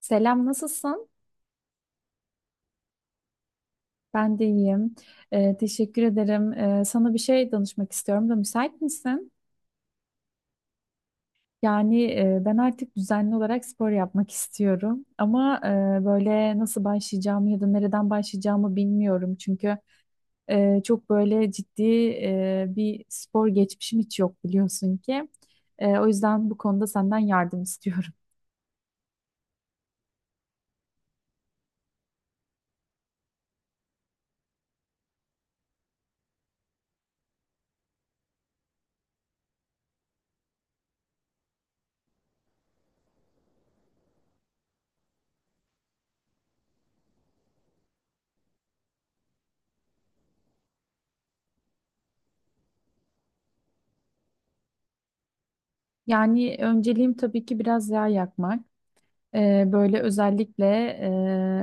Selam, nasılsın? Ben de iyiyim. Teşekkür ederim. Sana bir şey danışmak istiyorum da müsait misin? Yani ben artık düzenli olarak spor yapmak istiyorum. Ama böyle nasıl başlayacağımı ya da nereden başlayacağımı bilmiyorum. Çünkü çok böyle ciddi bir spor geçmişim hiç yok biliyorsun ki. O yüzden bu konuda senden yardım istiyorum. Yani önceliğim tabii ki biraz yağ yakmak. Böyle özellikle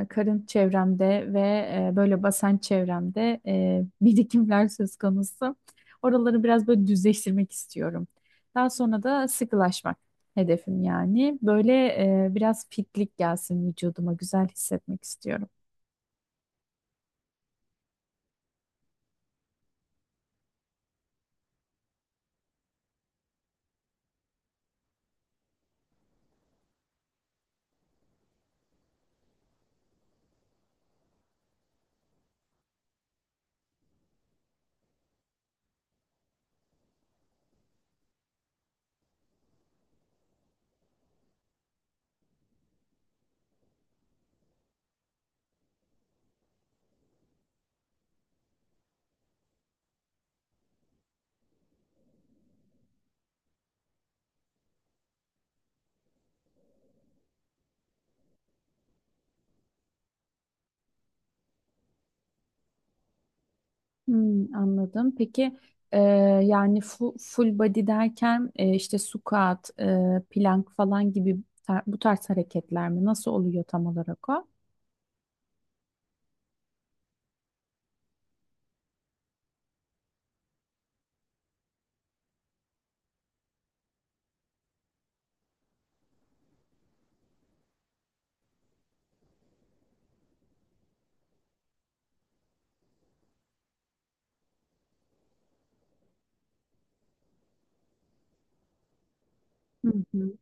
karın çevremde ve böyle basen çevremde birikimler söz konusu. Oraları biraz böyle düzleştirmek istiyorum. Daha sonra da sıkılaşmak hedefim yani. Böyle biraz fitlik gelsin vücuduma, güzel hissetmek istiyorum. Hmm, anladım. Peki e, yani full body derken işte squat, plank falan gibi bu tarz hareketler mi? Nasıl oluyor tam olarak o? Hı hı.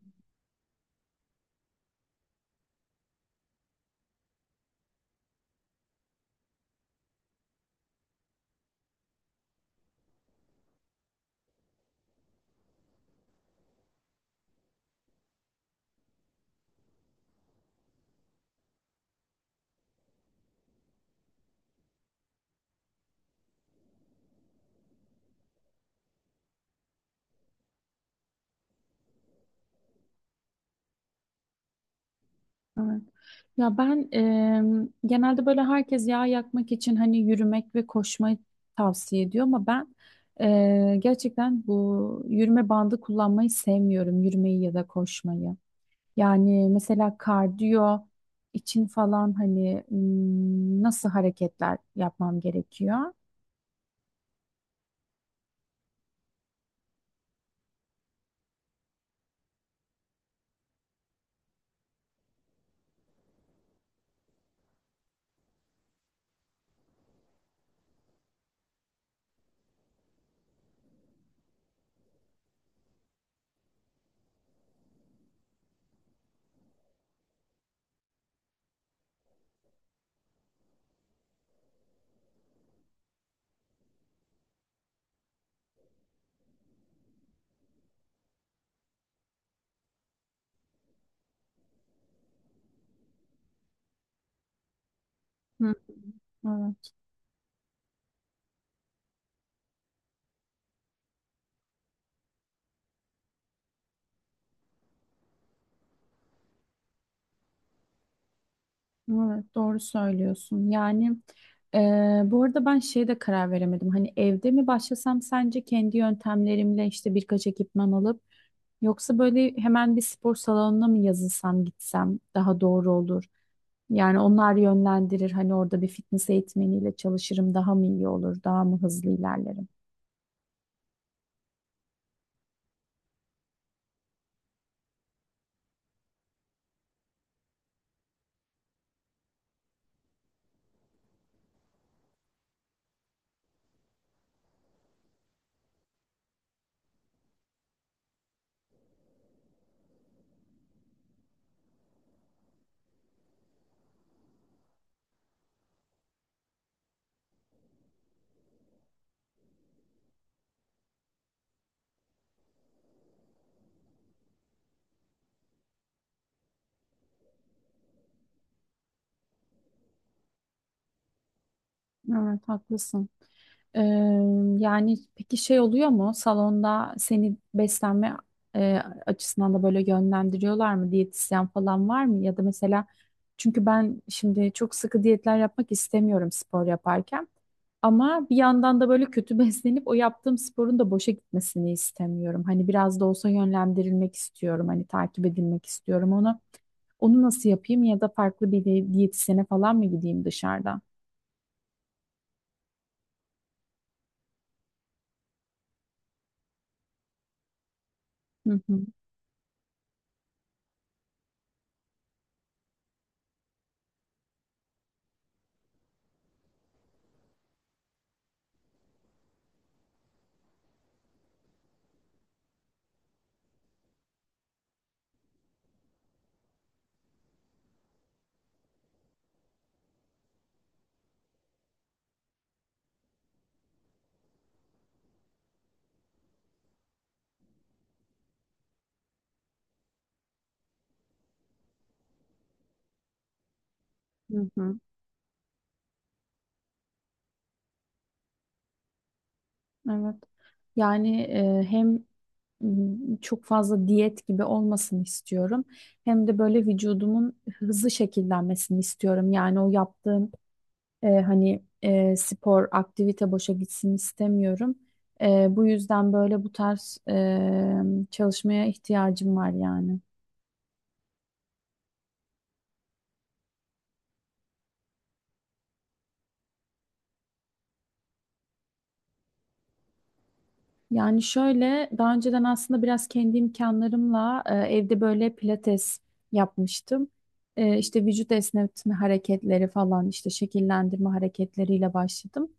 Evet. Ya ben genelde böyle herkes yağ yakmak için hani yürümek ve koşmayı tavsiye ediyor ama ben gerçekten bu yürüme bandı kullanmayı sevmiyorum. Yürümeyi ya da koşmayı. Yani mesela kardiyo için falan hani nasıl hareketler yapmam gerekiyor? Hı. Evet, doğru söylüyorsun. Yani e, bu arada ben şeye de karar veremedim. Hani evde mi başlasam sence kendi yöntemlerimle işte birkaç ekipman alıp yoksa böyle hemen bir spor salonuna mı yazılsam gitsem daha doğru olur. Yani onlar yönlendirir. Hani orada bir fitness eğitmeniyle çalışırım daha mı iyi olur, daha mı hızlı ilerlerim. Evet, haklısın. Ee, yani peki şey oluyor mu salonda seni beslenme e, açısından da böyle yönlendiriyorlar mı diyetisyen falan var mı ya da mesela çünkü ben şimdi çok sıkı diyetler yapmak istemiyorum spor yaparken ama bir yandan da böyle kötü beslenip o yaptığım sporun da boşa gitmesini istemiyorum hani biraz da olsa yönlendirilmek istiyorum hani takip edilmek istiyorum onu onu nasıl yapayım ya da farklı bir diyetisyene falan mı gideyim dışarıda? Hı hı, hı hı. Evet. Yani hem çok fazla diyet gibi olmasını istiyorum. Hem de böyle vücudumun hızlı şekillenmesini istiyorum. Yani o yaptığım hani spor, aktivite boşa gitsin istemiyorum. Bu yüzden böyle bu tarz çalışmaya ihtiyacım var yani. Yani şöyle daha önceden aslında biraz kendi imkanlarımla evde böyle pilates yapmıştım. İşte vücut esnetme hareketleri falan işte şekillendirme hareketleriyle başladım.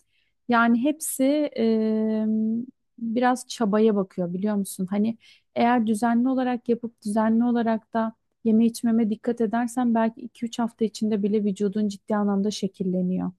Yani hepsi e, biraz çabaya bakıyor biliyor musun? Hani eğer düzenli olarak yapıp düzenli olarak da yeme içmeme dikkat edersen belki 2-3 hafta içinde bile vücudun ciddi anlamda şekilleniyor.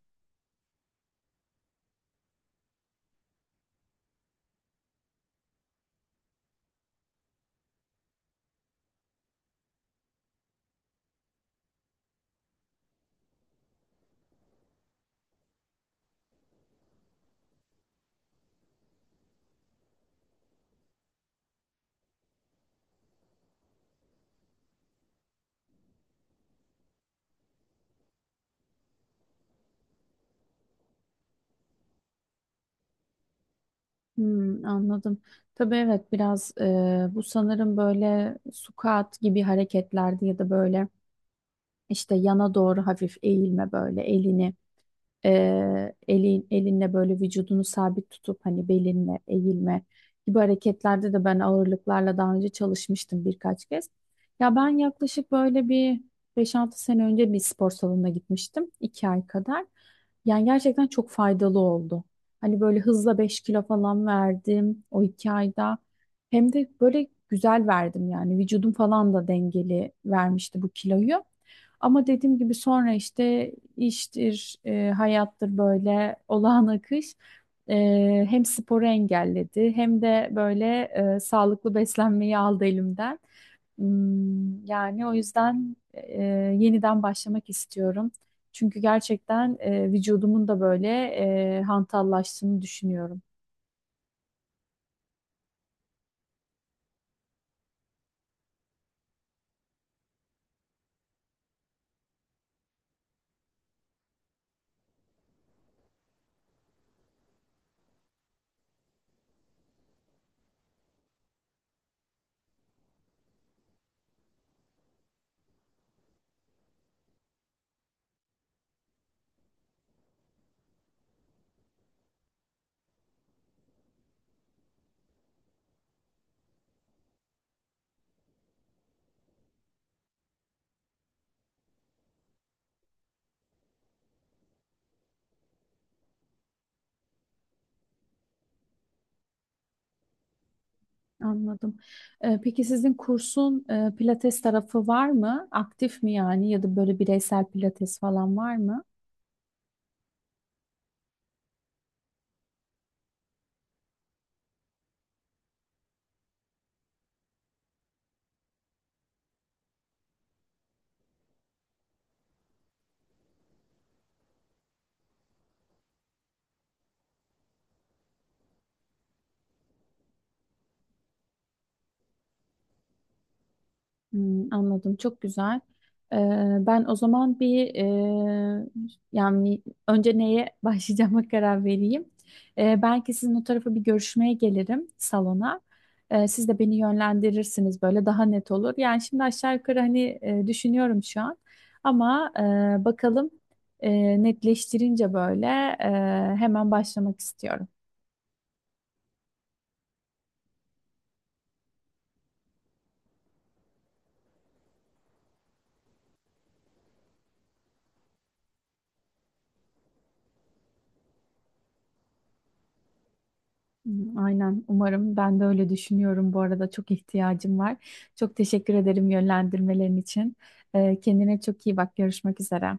Hmm, anladım. Tabii evet biraz bu sanırım böyle squat gibi hareketlerde ya da böyle işte yana doğru hafif eğilme böyle elini elinle böyle vücudunu sabit tutup hani belinle eğilme gibi hareketlerde de ben ağırlıklarla daha önce çalışmıştım birkaç kez. Ya ben yaklaşık böyle bir 5-6 sene önce bir spor salonuna gitmiştim. İki ay kadar. Yani gerçekten çok faydalı oldu. Hani böyle hızla 5 kilo falan verdim o 2 ayda. Hem de böyle güzel verdim yani vücudum falan da dengeli vermişti bu kiloyu. Ama dediğim gibi sonra işte iştir, hayattır böyle olağan akış e, hem sporu engelledi hem de böyle sağlıklı beslenmeyi aldı elimden. Hmm, yani o yüzden yeniden başlamak istiyorum. Çünkü gerçekten vücudumun da böyle hantallaştığını düşünüyorum. Anladım. Peki sizin kursun pilates tarafı var mı? Aktif mi yani ya da böyle bireysel pilates falan var mı? Hmm, anladım. Çok güzel. Ee, ben o zaman bir yani önce neye başlayacağıma karar vereyim. Belki sizin o tarafa bir görüşmeye gelirim salona. Siz de beni yönlendirirsiniz böyle daha net olur. Yani şimdi aşağı yukarı hani düşünüyorum şu an. Ama bakalım netleştirince böyle hemen başlamak istiyorum. Hmm, aynen umarım ben de öyle düşünüyorum bu arada çok ihtiyacım var. Çok teşekkür ederim yönlendirmelerin için. Kendine çok iyi bak, görüşmek üzere.